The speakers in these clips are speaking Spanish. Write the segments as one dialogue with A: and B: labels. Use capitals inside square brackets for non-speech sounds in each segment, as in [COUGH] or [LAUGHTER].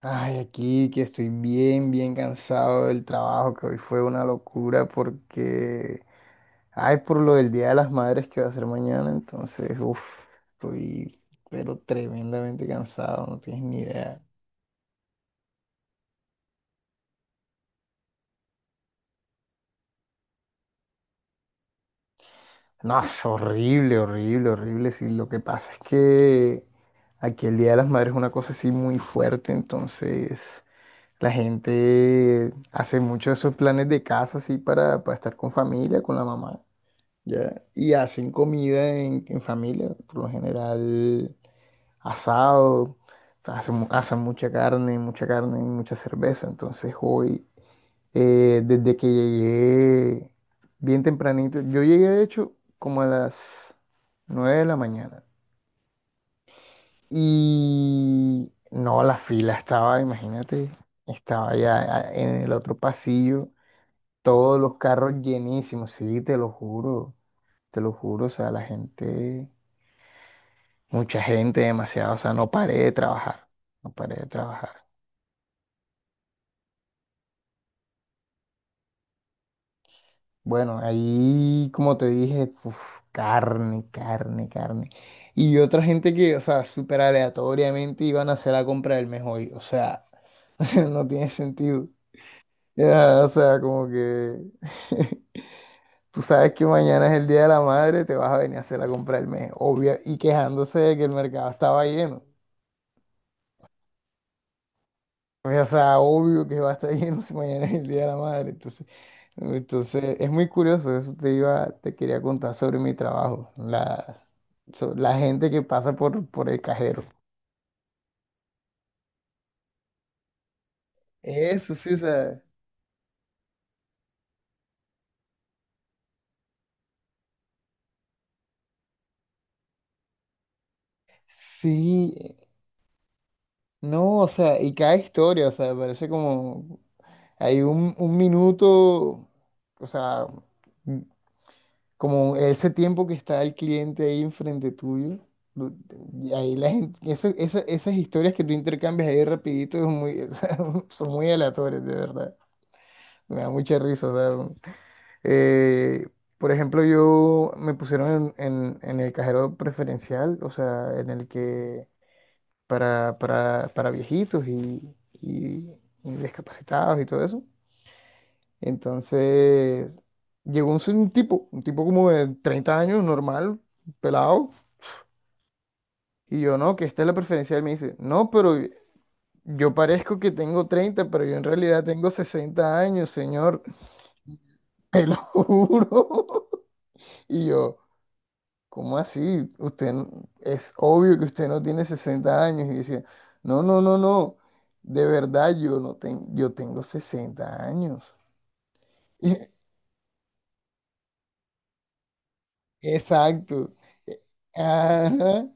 A: Ay, aquí que estoy bien, bien cansado del trabajo, que hoy fue una locura porque, ay, por lo del Día de las Madres que va a ser mañana, entonces, uff, estoy, pero tremendamente cansado, no tienes ni idea. No, es horrible, horrible, horrible. Sí, lo que pasa es que aquí el Día de las Madres es una cosa así muy fuerte, entonces la gente hace mucho esos planes de casa así para estar con familia, con la mamá. ¿Ya? Y hacen comida en familia, por lo general asado, hacen mucha carne, y mucha cerveza. Entonces hoy, desde que llegué bien tempranito, yo llegué de hecho como a las 9 de la mañana. Y no, la fila estaba, imagínate, estaba ya en el otro pasillo, todos los carros llenísimos, sí, te lo juro, o sea, la gente... Mucha gente, demasiado, o sea, no paré de trabajar, no paré de trabajar. Bueno, ahí, como te dije, uf, carne, carne, carne. Y otra gente que, o sea, súper aleatoriamente iban a hacer la compra del mes hoy, o sea, [LAUGHS] no tiene sentido. Ya, o sea, como que [LAUGHS] tú sabes que mañana es el Día de la Madre, te vas a venir a hacer la compra del mes, obvio, y quejándose de que el mercado estaba lleno. Pues, o sea, obvio que va a estar [LAUGHS] lleno si mañana es el Día de la Madre. Entonces, es muy curioso, eso te iba, te quería contar sobre mi trabajo, la gente que pasa por el cajero. Eso sí, o sea, sí, no, o sea, y cada historia, o sea, parece como, hay un minuto, o sea, mm, como ese tiempo que está el cliente ahí enfrente tuyo, du- y ahí la gente, esas historias que tú intercambias ahí rapidito es muy, [LAUGHS] o sea, son muy aleatorias, de verdad. Me da mucha risa, o sea, Eh, por ejemplo, yo me pusieron en el cajero preferencial, o sea, en el que para viejitos y discapacitados y todo eso. Entonces, llegó un tipo, un tipo como de 30 años, normal, pelado, y yo, no, que esta es la preferencial. Me dice, no, pero yo parezco que tengo 30, pero yo en realidad tengo 60 años, señor, [LAUGHS] te lo juro. [LAUGHS] Y yo... ¿Cómo así? Es obvio que usted no tiene 60 años. Y decía, no, no, no, no. De verdad, yo no tengo, yo tengo 60 años. [LAUGHS] Exacto. Eh, Ajá.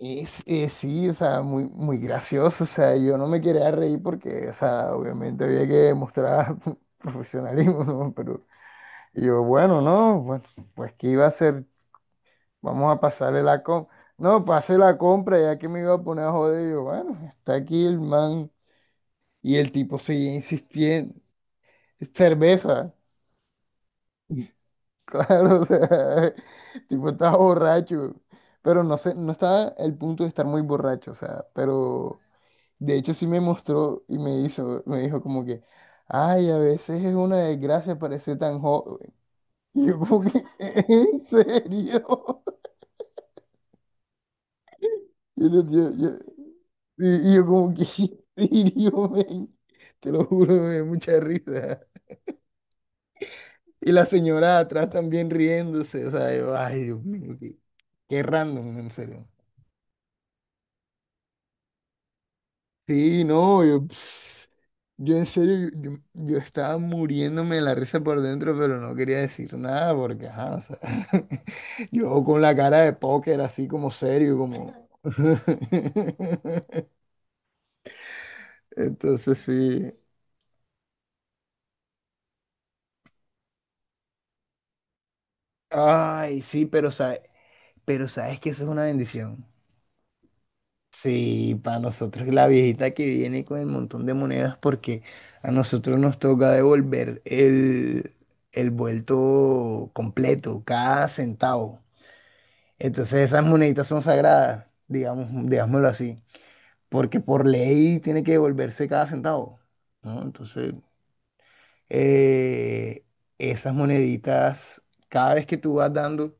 A: Sí, o sea, muy, muy gracioso. O sea, yo no me quería reír porque, o sea, obviamente había que demostrar [LAUGHS] profesionalismo, ¿no? Pero y yo, bueno, no, bueno, pues ¿qué iba a hacer? Vamos a pasarle la compra. No, pasé la compra, ya que me iba a poner a joder. Yo, bueno, está aquí el man. Y el tipo seguía insistiendo. Cerveza. [LAUGHS] Claro, o sea, [LAUGHS] el tipo estaba borracho. Pero no sé, no estaba el punto de estar muy borracho, o sea, pero de hecho sí me mostró y me hizo, me dijo como que, ay, a veces es una desgracia parecer tan joven. [LAUGHS] Y yo como que, [LAUGHS] ¿en serio? Yo no- yo- yo- y yo como que, [LAUGHS] y yo, men, te lo juro, me dio mucha risa. Y la señora atrás también riéndose, o sea, yo, ay, Dios mío, qué, qué random, en serio. Sí, no, yo, yo en serio, yo, yo estaba muriéndome de la risa por dentro, pero no quería decir nada porque, ajá, o sea, [LAUGHS] yo con la cara de póker así como serio, como... [LAUGHS] Entonces sí. Ay, sí, pero o sea, pero sabes que eso es una bendición. Sí, para nosotros la viejita que viene con el montón de monedas porque a nosotros nos toca devolver el vuelto completo, cada centavo. Entonces esas moneditas son sagradas, digamos, digámoslo así, porque por ley tiene que devolverse cada centavo, ¿no? Entonces, eh, esas moneditas, cada vez que tú vas dando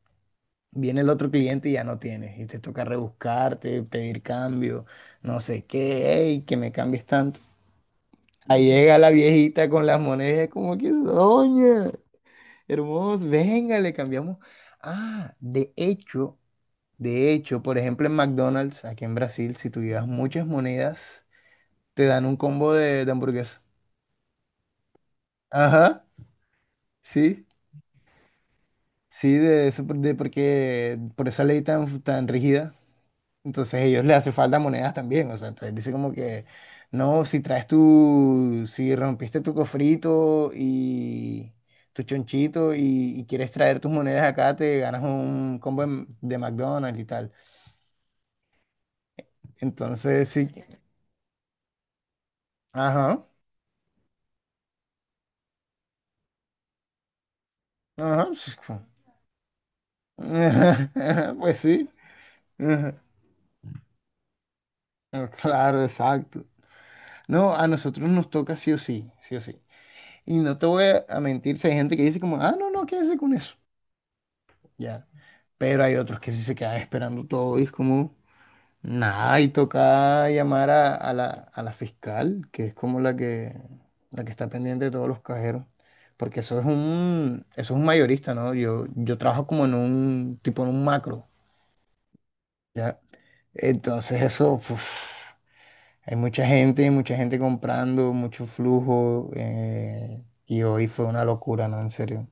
A: viene el otro cliente y ya no tienes, y te toca rebuscarte, pedir cambio, no sé qué, ey, que me cambies tanto. Ahí llega la viejita con las monedas, como que, doña, hermoso, venga, le cambiamos. Ah, de hecho, por ejemplo, en McDonald's, aquí en Brasil, si tú llevas muchas monedas, te dan un combo de hamburguesa. Ajá, sí, sí, de eso, por- de porque por esa ley tan, tan rígida. Entonces a ellos les hace falta monedas también, o sea, entonces dice como que, no, si traes tu, si rompiste tu cofrito y tu chonchito y quieres traer tus monedas acá, te ganas un combo de McDonald's y tal. Entonces sí, ajá, ajá, sí, [LAUGHS] pues sí, ajá, claro, exacto. No, a nosotros nos toca sí o sí, sí o sí. Y no te voy a mentir, si hay gente que dice como, ah, no, no, quédese con eso, ya. Pero hay otros que sí se quedan esperando todo y es como, nada, y toca llamar a la fiscal, que es como la que, está pendiente de todos los cajeros, porque eso es un mayorista, ¿no? Yo trabajo como en un, tipo en un macro, ¿ya? Entonces eso, uf, hay mucha gente comprando, mucho flujo, y hoy fue una locura, ¿no? En serio,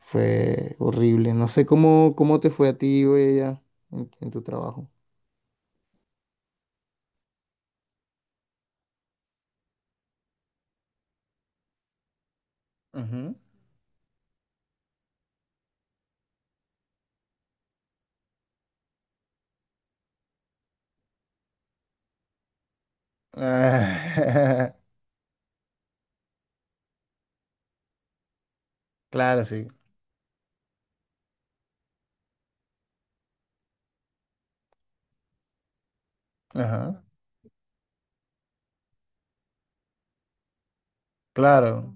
A: fue horrible. No sé cómo te fue a ti hoy allá en tu trabajo. Ujú. Ah, [LAUGHS] claro, sí. Ajá. Claro.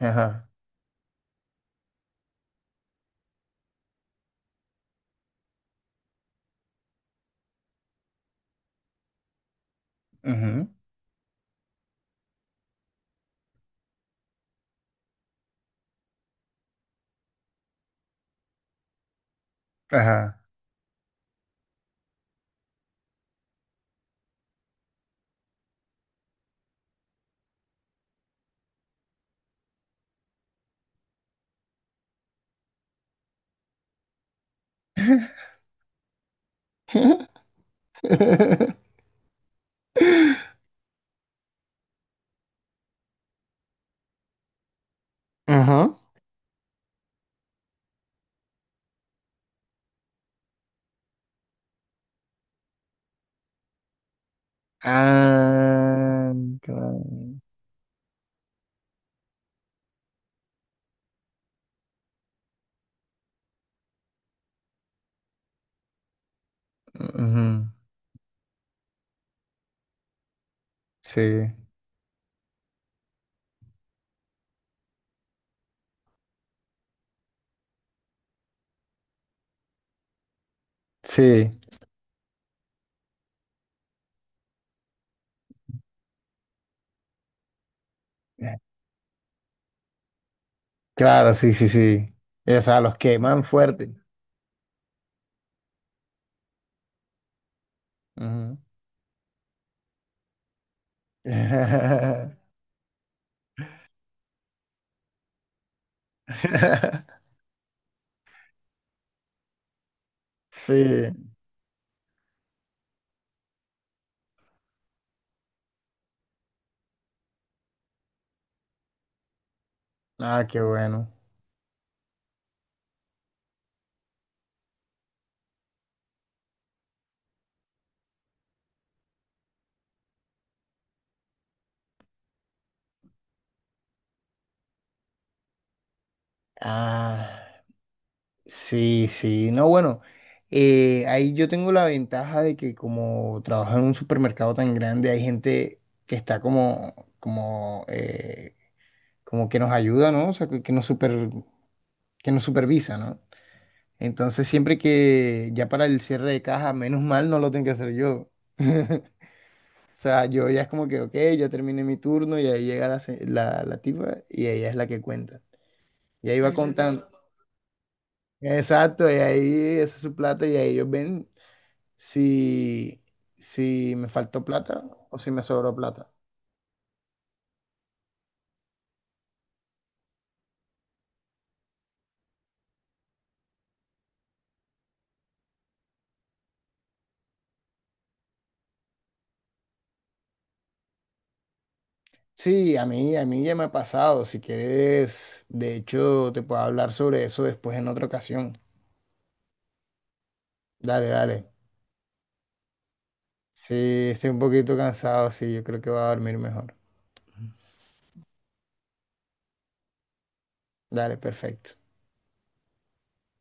A: Ajá. Ujú. Ajá. [LAUGHS] Ajá. Ah, claro. Ujú. Sí. Sí. Claro, sí, sí, sí. O sea, los queman fuerte. Ujú. [LAUGHS] Sí. Ah, qué bueno. Ah. Sí, sí, no, bueno, ahí yo tengo la ventaja de que como trabajo en un supermercado tan grande, hay gente que está como que nos ayuda, ¿no? O sea, que nos supervisa, ¿no? Entonces, siempre que ya para el cierre de caja, menos mal no lo tengo que hacer yo. [LAUGHS] O sea, yo ya es como que, ok, ya terminé mi turno y ahí llega la tipa y ella es la que cuenta. Y ahí va contando. [LAUGHS] Exacto, y ahí esa es su plata y ahí ellos ven, si, si me faltó plata o si me sobró plata. Sí, a mí ya me ha pasado. Si quieres, de hecho, te puedo hablar sobre eso después en otra ocasión. Dale, dale. Sí, estoy un poquito cansado, sí, yo creo que voy a dormir mejor. Dale, perfecto.